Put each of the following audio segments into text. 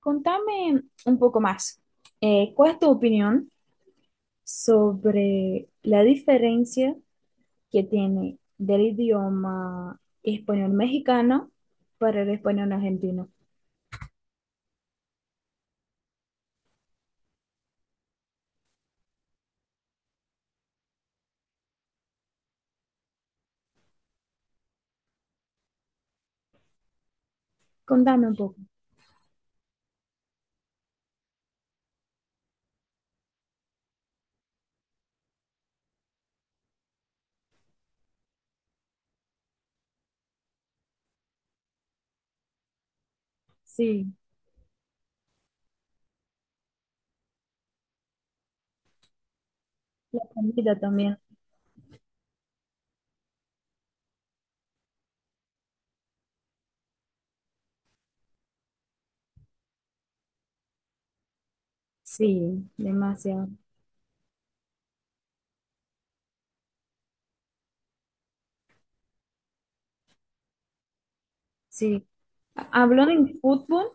Contame un poco más. ¿Cuál es tu opinión sobre la diferencia que tiene del idioma español mexicano para el español argentino? Contame un poco. Sí, la comida también. Sí, demasiado. Sí. Hablando en fútbol,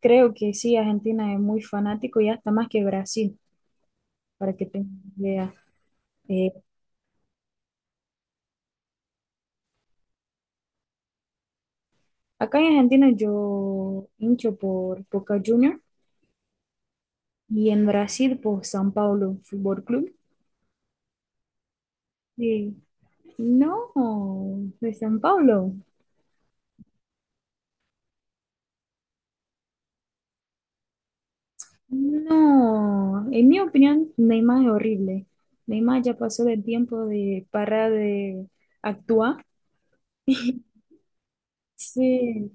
creo que sí, Argentina es muy fanático y hasta más que Brasil, para que tengas idea. Eh, acá en Argentina yo hincho por Boca Juniors. Y en Brasil, por São Paulo Fútbol Club. Sí. No, de São Paulo. No, en mi opinión, Neymar es horrible. Neymar ya pasó del tiempo de parar de actuar. Sí,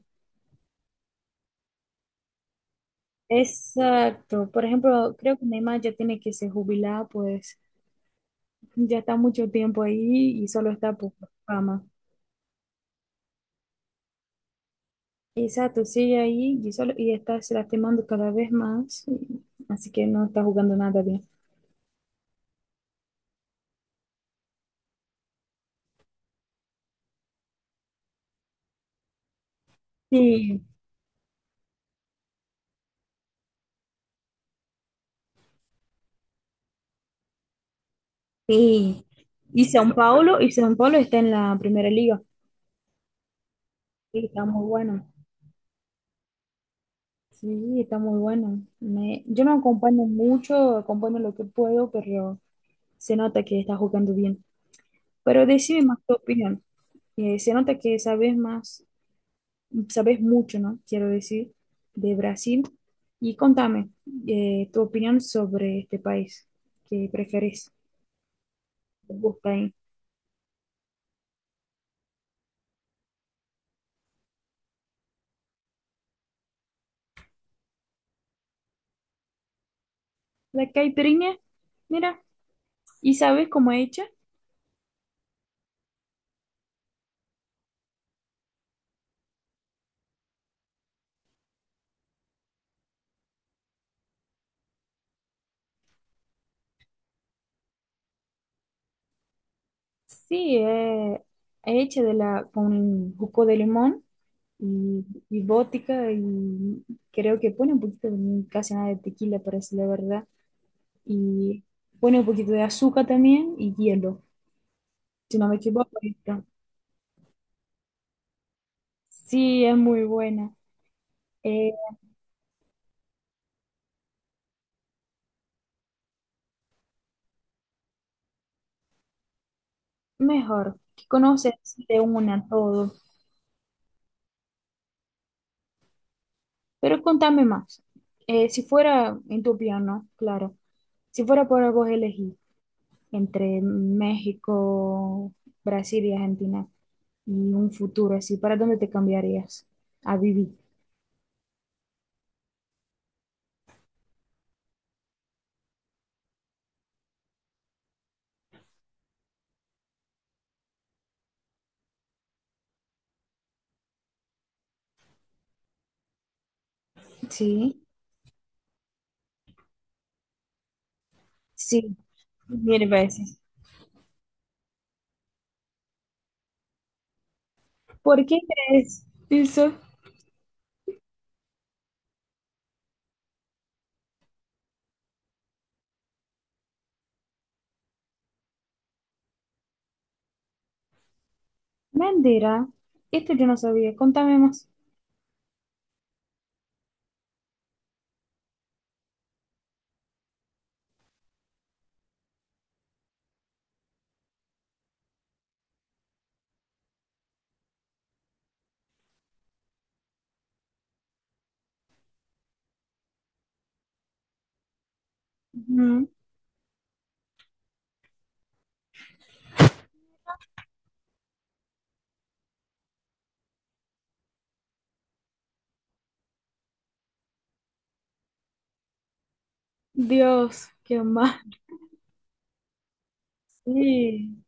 exacto. Por ejemplo, creo que Neymar ya tiene que se jubilar, pues ya está mucho tiempo ahí y solo está por fama. Exacto, sigue ahí y, solo, y está se lastimando cada vez más, y- así que no está jugando nada bien. Sí, sí. Y San Paulo está en la primera liga. Sí, está muy bueno. Sí, está muy bueno. Yo no acompaño mucho, acompaño lo que puedo, pero se nota que está jugando bien. Pero decime más tu opinión. Se nota que sabes más, sabes mucho, ¿no? Quiero decir, de Brasil. Y contame tu opinión sobre este país. ¿Qué prefieres? ¿Te gusta ahí? La caipirinha, mira, ¿y sabes cómo es hecha? Sí, es hecha de la con jugo de limón y, y vodka y creo que pone un poquito, casi nada de tequila, parece la verdad. Y pone un poquito de azúcar también y hielo, si no me equivoco. Esto. Sí, es muy buena. Eh, mejor, que conoces de una todo. Pero contame más. Si fuera en tu piano, claro, si fuera por vos elegir entre México, Brasil y Argentina. Y un futuro así, ¿para dónde te cambiarías a vivir? Sí. Sí, mil veces. ¿Por qué crees? Eso. Mentira, esto yo no sabía, contame más. Ujú. Dios, qué más. Sí,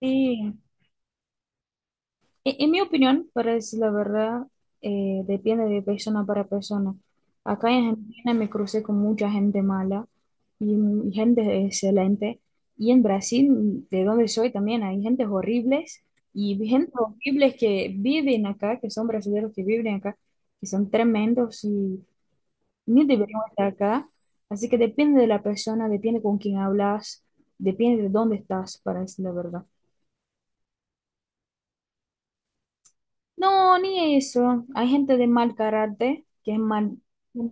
sí. En mi opinión, para decir la verdad, depende de persona para persona. Acá en Argentina me crucé con mucha gente mala y, y gente excelente. Y en Brasil, de donde soy, también hay gentes horribles y gente horribles que viven acá, que son brasileños que viven acá, que son tremendos y ni deberían estar acá. Así que depende de la persona, depende con quién hablas, depende de dónde estás, para decir la verdad. No, ni eso. Hay gente de mal carácter, que es mal,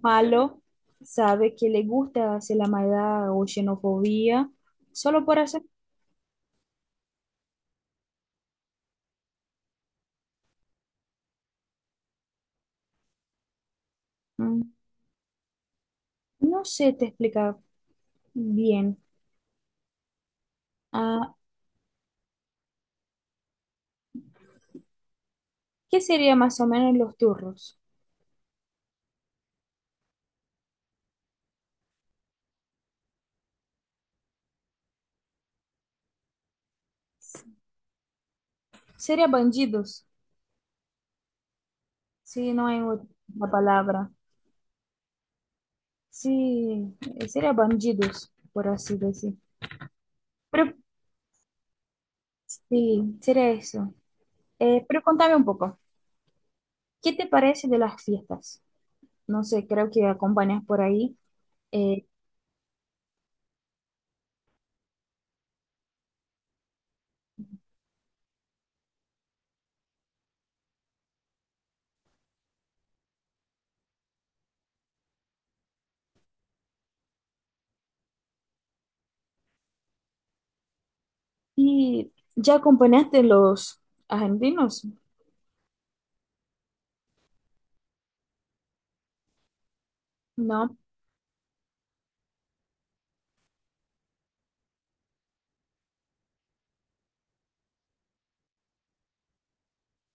malo, sabe que le gusta hacer la maldad o xenofobia, solo por hacer... Mm, no sé, te explicar bien. Ah, ¿qué sería más o menos los turros? Sería bandidos, si no hay otra palabra. Sí, sería bandidos, por así decir. Pero sí, sería eso. Pero contame un poco, ¿qué te parece de las fiestas? No sé, creo que acompañas por ahí. Eh, ¿Y ya acompañaste los argentinos? No,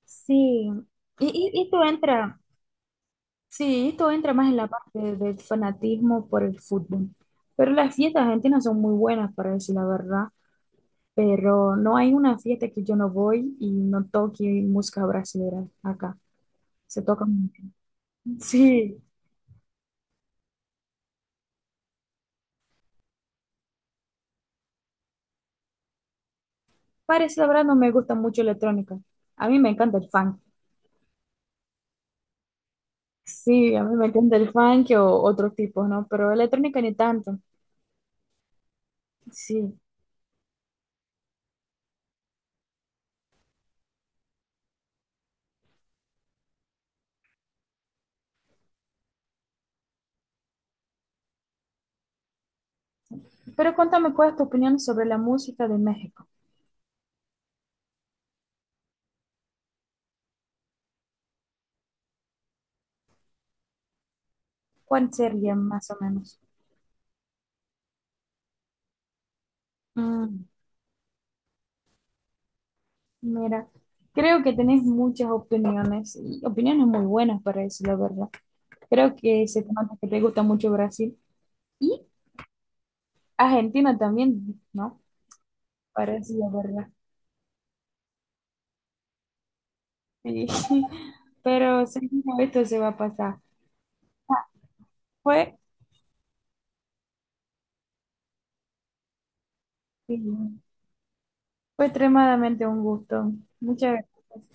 sí. Y esto entra, sí, esto entra más en la parte del fanatismo por el fútbol. Pero las fiestas argentinas son muy buenas, para decir la verdad. Pero no hay una fiesta que yo no voy y no toque música brasileña acá. Se toca mucho. Sí, para decir la verdad no me gusta mucho electrónica. A mí me encanta el funk. Sí, a mí me encanta el funk o otros tipos, ¿no? Pero electrónica ni tanto. Sí. Pero cuéntame, ¿cuál es tu opinión sobre la música de México? ¿Cuál sería más o menos? Mm, mira, creo que tenés muchas opiniones y opiniones muy buenas para eso, la verdad. Creo que se te nota que te gusta mucho Brasil y Argentina también, ¿no? Parece la verdad. Sí. Pero seguro esto se va a pasar. Fue, sí, fue extremadamente un gusto. Muchas gracias.